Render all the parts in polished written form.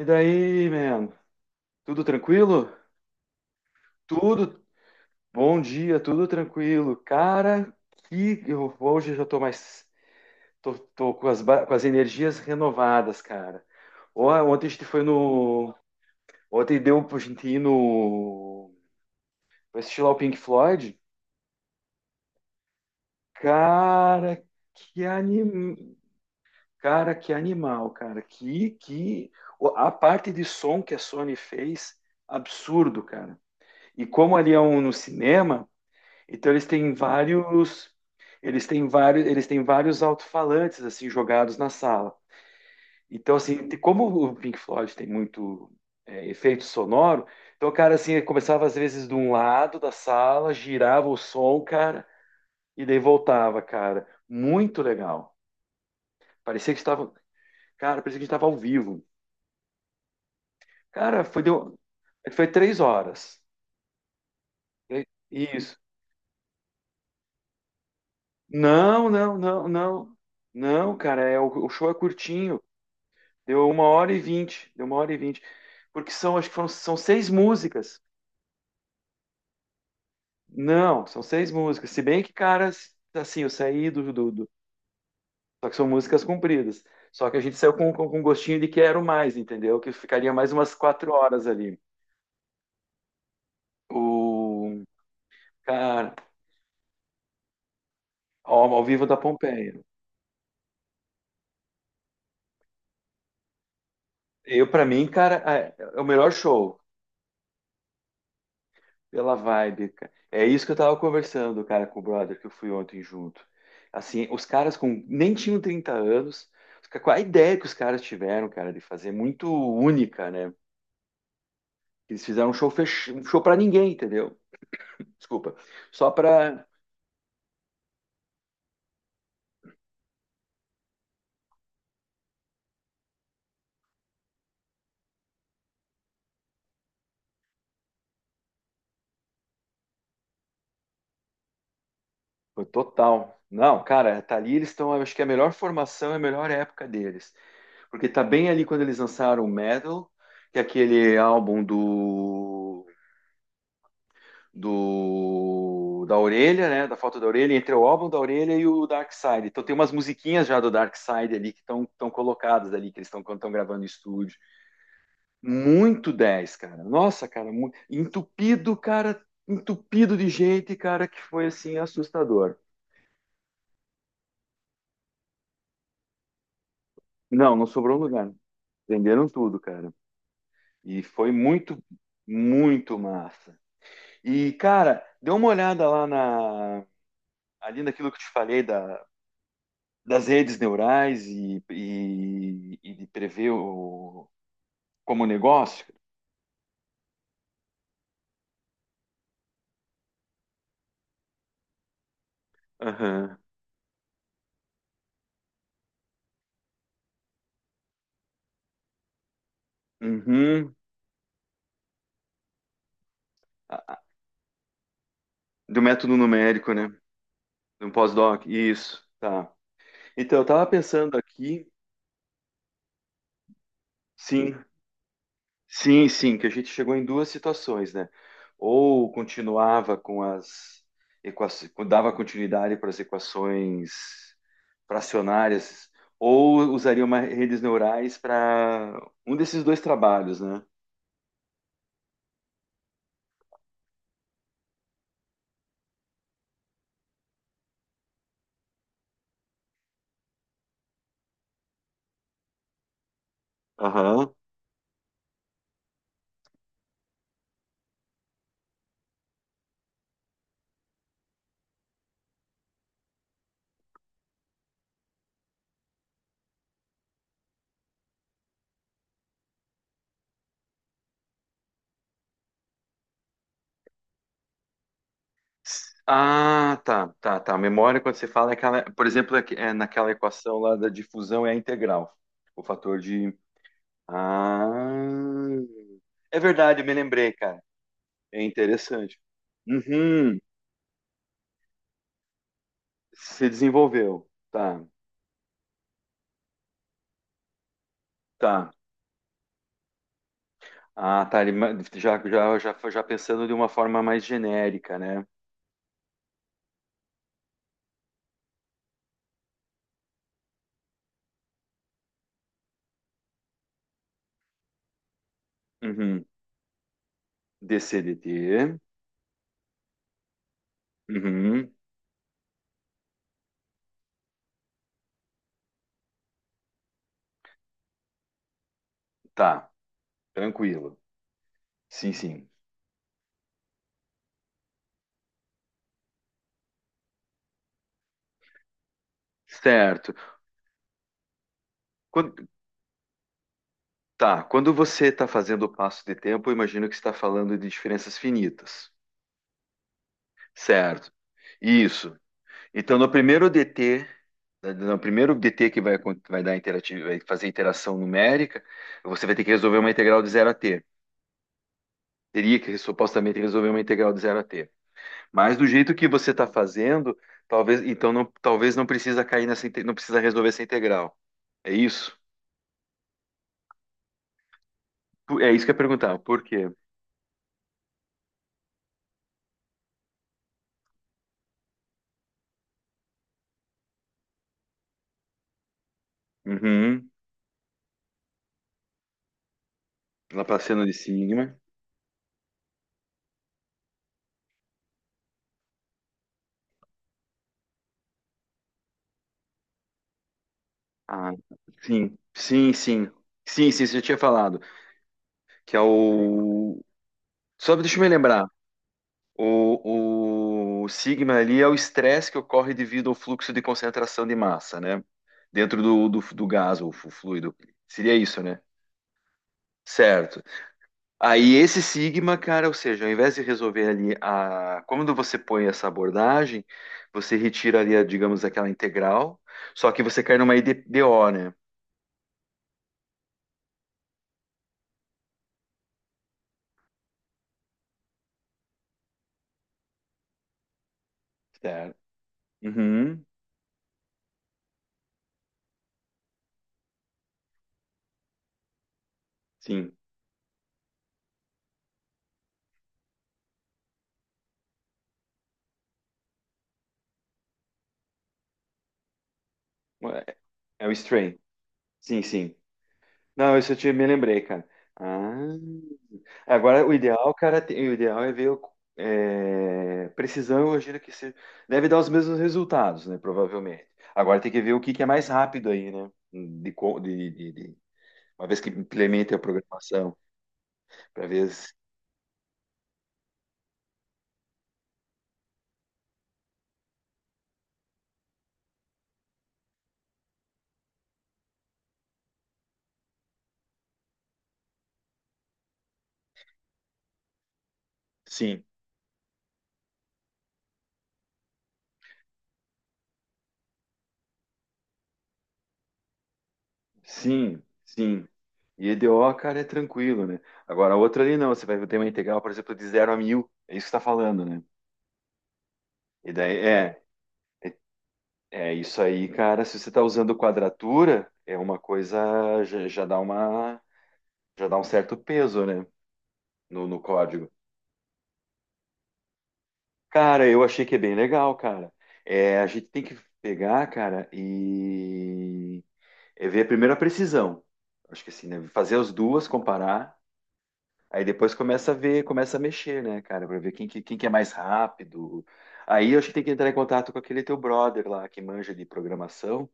E daí, man? Tudo tranquilo? Tudo. Bom dia, tudo tranquilo. Cara, que eu hoje eu já tô mais tô, tô com as energias renovadas, cara. Ó, ontem a gente foi no, ontem deu pra gente ir no pra assistir lá o Pink Floyd. Cara, que anim... cara, que animal, cara. Que a parte de som que a Sony fez, absurdo, cara. E como ali é um no cinema. Então eles têm vários alto-falantes assim jogados na sala. Então assim, como o Pink Floyd tem muito efeito sonoro, então o cara assim começava às vezes de um lado da sala, girava o som, cara, e daí voltava, cara. Muito legal. Parecia que estava, cara, parecia que estava ao vivo. Cara, foi 3 horas. Isso. Não, não, não, não. Não, cara, o show é curtinho. Deu 1h20. Deu 1h20. Porque são, acho que foram, são seis músicas. Não, são seis músicas. Se bem que, cara, assim, eu saí só que são músicas compridas. Só que a gente saiu com gostinho de quero mais, entendeu? Que ficaria mais umas 4 horas ali. O. Cara, ao vivo da Pompeia. Eu, pra mim, cara, é o melhor show. Pela vibe, cara. É isso que eu tava conversando, cara, com o brother que eu fui ontem junto. Assim, os caras com nem tinham 30 anos. Qual a ideia que os caras tiveram, cara, de fazer muito única, né? Eles fizeram um show para ninguém, entendeu? Desculpa. Só para total. Não, cara, tá ali eles estão, acho que é a melhor formação, é a melhor época deles, porque tá bem ali quando eles lançaram o Metal, que é aquele álbum do do da orelha, né? Da foto da orelha, entre o álbum da orelha e o Dark Side. Então tem umas musiquinhas já do Dark Side ali que estão colocadas ali, que eles estão quando estão gravando em estúdio. Muito 10 cara. Nossa, cara, muito entupido, cara, entupido de gente, cara, que foi assim assustador. Não, não sobrou lugar. Venderam tudo, cara. E foi muito, muito massa. E, cara, dê uma olhada lá na. Ali naquilo que eu te falei da, das redes neurais e de prever o, como negócio? Aham. Uhum. Do método numérico, né? Do pós-doc. Isso, tá. Então, eu estava pensando aqui, sim, sim, sim, que a gente chegou em duas situações, né? Ou continuava com as equações, dava continuidade para as equações fracionárias, ou usaria uma redes neurais para um desses dois trabalhos, né? Aham. Ah, tá, tá, tá. Memória, quando você fala, é aquela, por exemplo, é naquela equação lá da difusão é a integral. O fator de. Ah, é verdade, eu me lembrei, cara. É interessante. Uhum, se desenvolveu. Tá, tá. Ah, tá. Já, já, já, já pensando de uma forma mais genérica, né? Uhum. DCDT. Uhum. Tá, tranquilo. Sim, sim. Certo. Tá, quando você está fazendo o passo de tempo, eu imagino que está falando de diferenças finitas, certo? Isso. Então, no primeiro DT, no primeiro DT que vai, vai fazer interação numérica, você vai ter que resolver uma integral de zero a t. Teria que supostamente resolver uma integral de zero a t. Mas do jeito que você está fazendo, talvez, então não, talvez não precisa cair não precisa resolver essa integral. É isso? É isso que eu ia perguntar. Por quê? Uhum. Laplaciano de sigma. Ah, sim, sim, sim. Sim, sim, você já tinha falado. Que é o. Só deixa eu me lembrar. O sigma ali é o estresse que ocorre devido ao fluxo de concentração de massa, né? Dentro do gás ou fluido. Seria isso, né? Certo. Aí esse sigma, cara, ou seja, ao invés de resolver ali a. Quando você põe essa abordagem, você retira ali, a, digamos, aquela integral, só que você cai numa IDO, né? Certo. Uhum, sim. É é o Stray. Sim, sim. Não, isso eu te, me lembrei, cara. Ah, agora o ideal, cara, o ideal é ver o, é, precisão, eu imagino que se, deve dar os mesmos resultados, né? Provavelmente. Agora tem que ver o que, que é mais rápido aí, né? De, co- de- uma vez que implemente a programação, para ver se, sim, sim, sim. E EDO, cara, é tranquilo, né? Agora a outra ali não, você vai ter uma integral, por exemplo, de 0 a 1000. É isso que você está falando, né? E daí é. É isso aí, cara. Se você está usando quadratura, é uma coisa já, já dá uma, já dá um certo peso, né, no, no código. Cara, eu achei que é bem legal, cara. É, a gente tem que pegar, cara, e é ver primeiro a precisão. Acho que assim, né, fazer as duas, comparar, aí depois começa a ver, começa a mexer, né, cara, para ver quem que é mais rápido. Aí eu acho que tem que entrar em contato com aquele teu brother lá que manja de programação.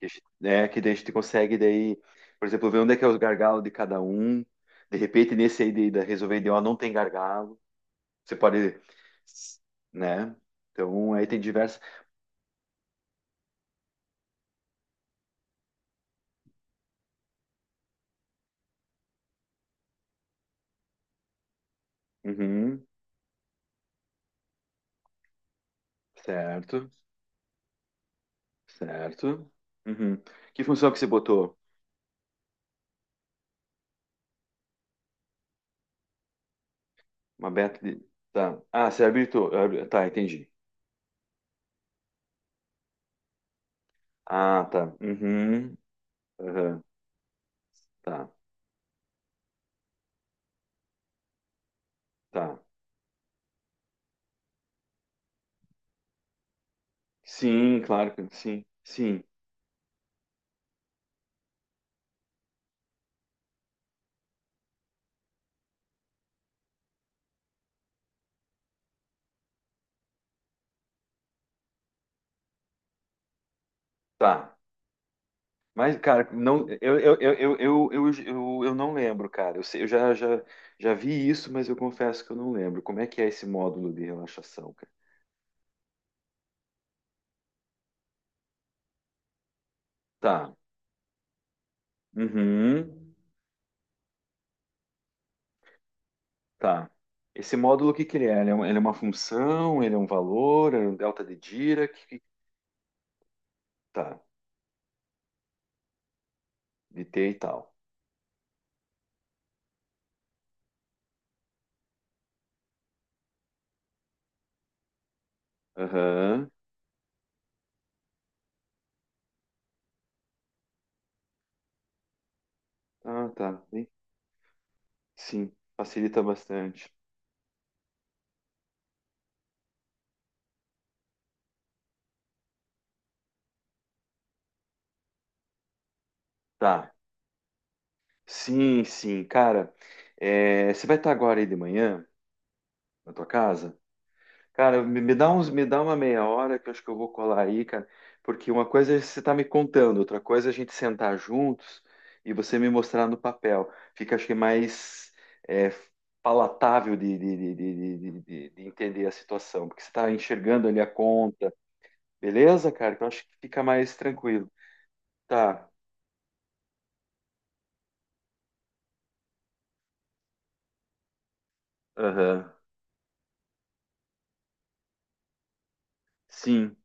Que a gente, né, que daí a gente consegue daí, por exemplo, ver onde é que é os gargalos de cada um. De repente, nesse aí de, da resolver de ó, não tem gargalo. Você pode, né? Então, aí tem diversas. Uhum, certo, certo. Uhum. Que função que você botou? Uma beta de... Tá. Ah, você habilitou. Ah, tá, entendi. Ah, tá. Uhum. Aham. Tá, tá. Sim, claro que sim. Sim, tá. Mas, cara, não, eu não lembro, cara. Eu, eu já, já, já vi isso, mas eu confesso que eu não lembro. Como é que é esse módulo de relaxação, cara? Tá. Uhum. Tá. Esse módulo, o que que ele é? Ele é ele é uma função, ele é um valor, é um delta de Dirac. Que. Tá. De T e tal. Aham. Ah, tá. Sim. Facilita bastante. Tá. Sim, sim. Cara, é, você vai estar agora aí de manhã na tua casa? Cara, me dá uma meia hora que eu acho que eu vou colar aí, cara, porque uma coisa é você tá me contando, outra coisa é a gente sentar juntos e você me mostrar no papel. Fica, acho que, mais é, palatável de entender a situação, porque você tá enxergando ali a conta, beleza, cara? Que eu acho que fica mais tranquilo. Tá, aham. Sim,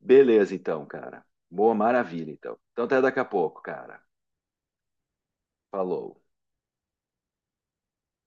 beleza então, cara. Boa, maravilha então. Então até daqui a pouco, cara. Falou.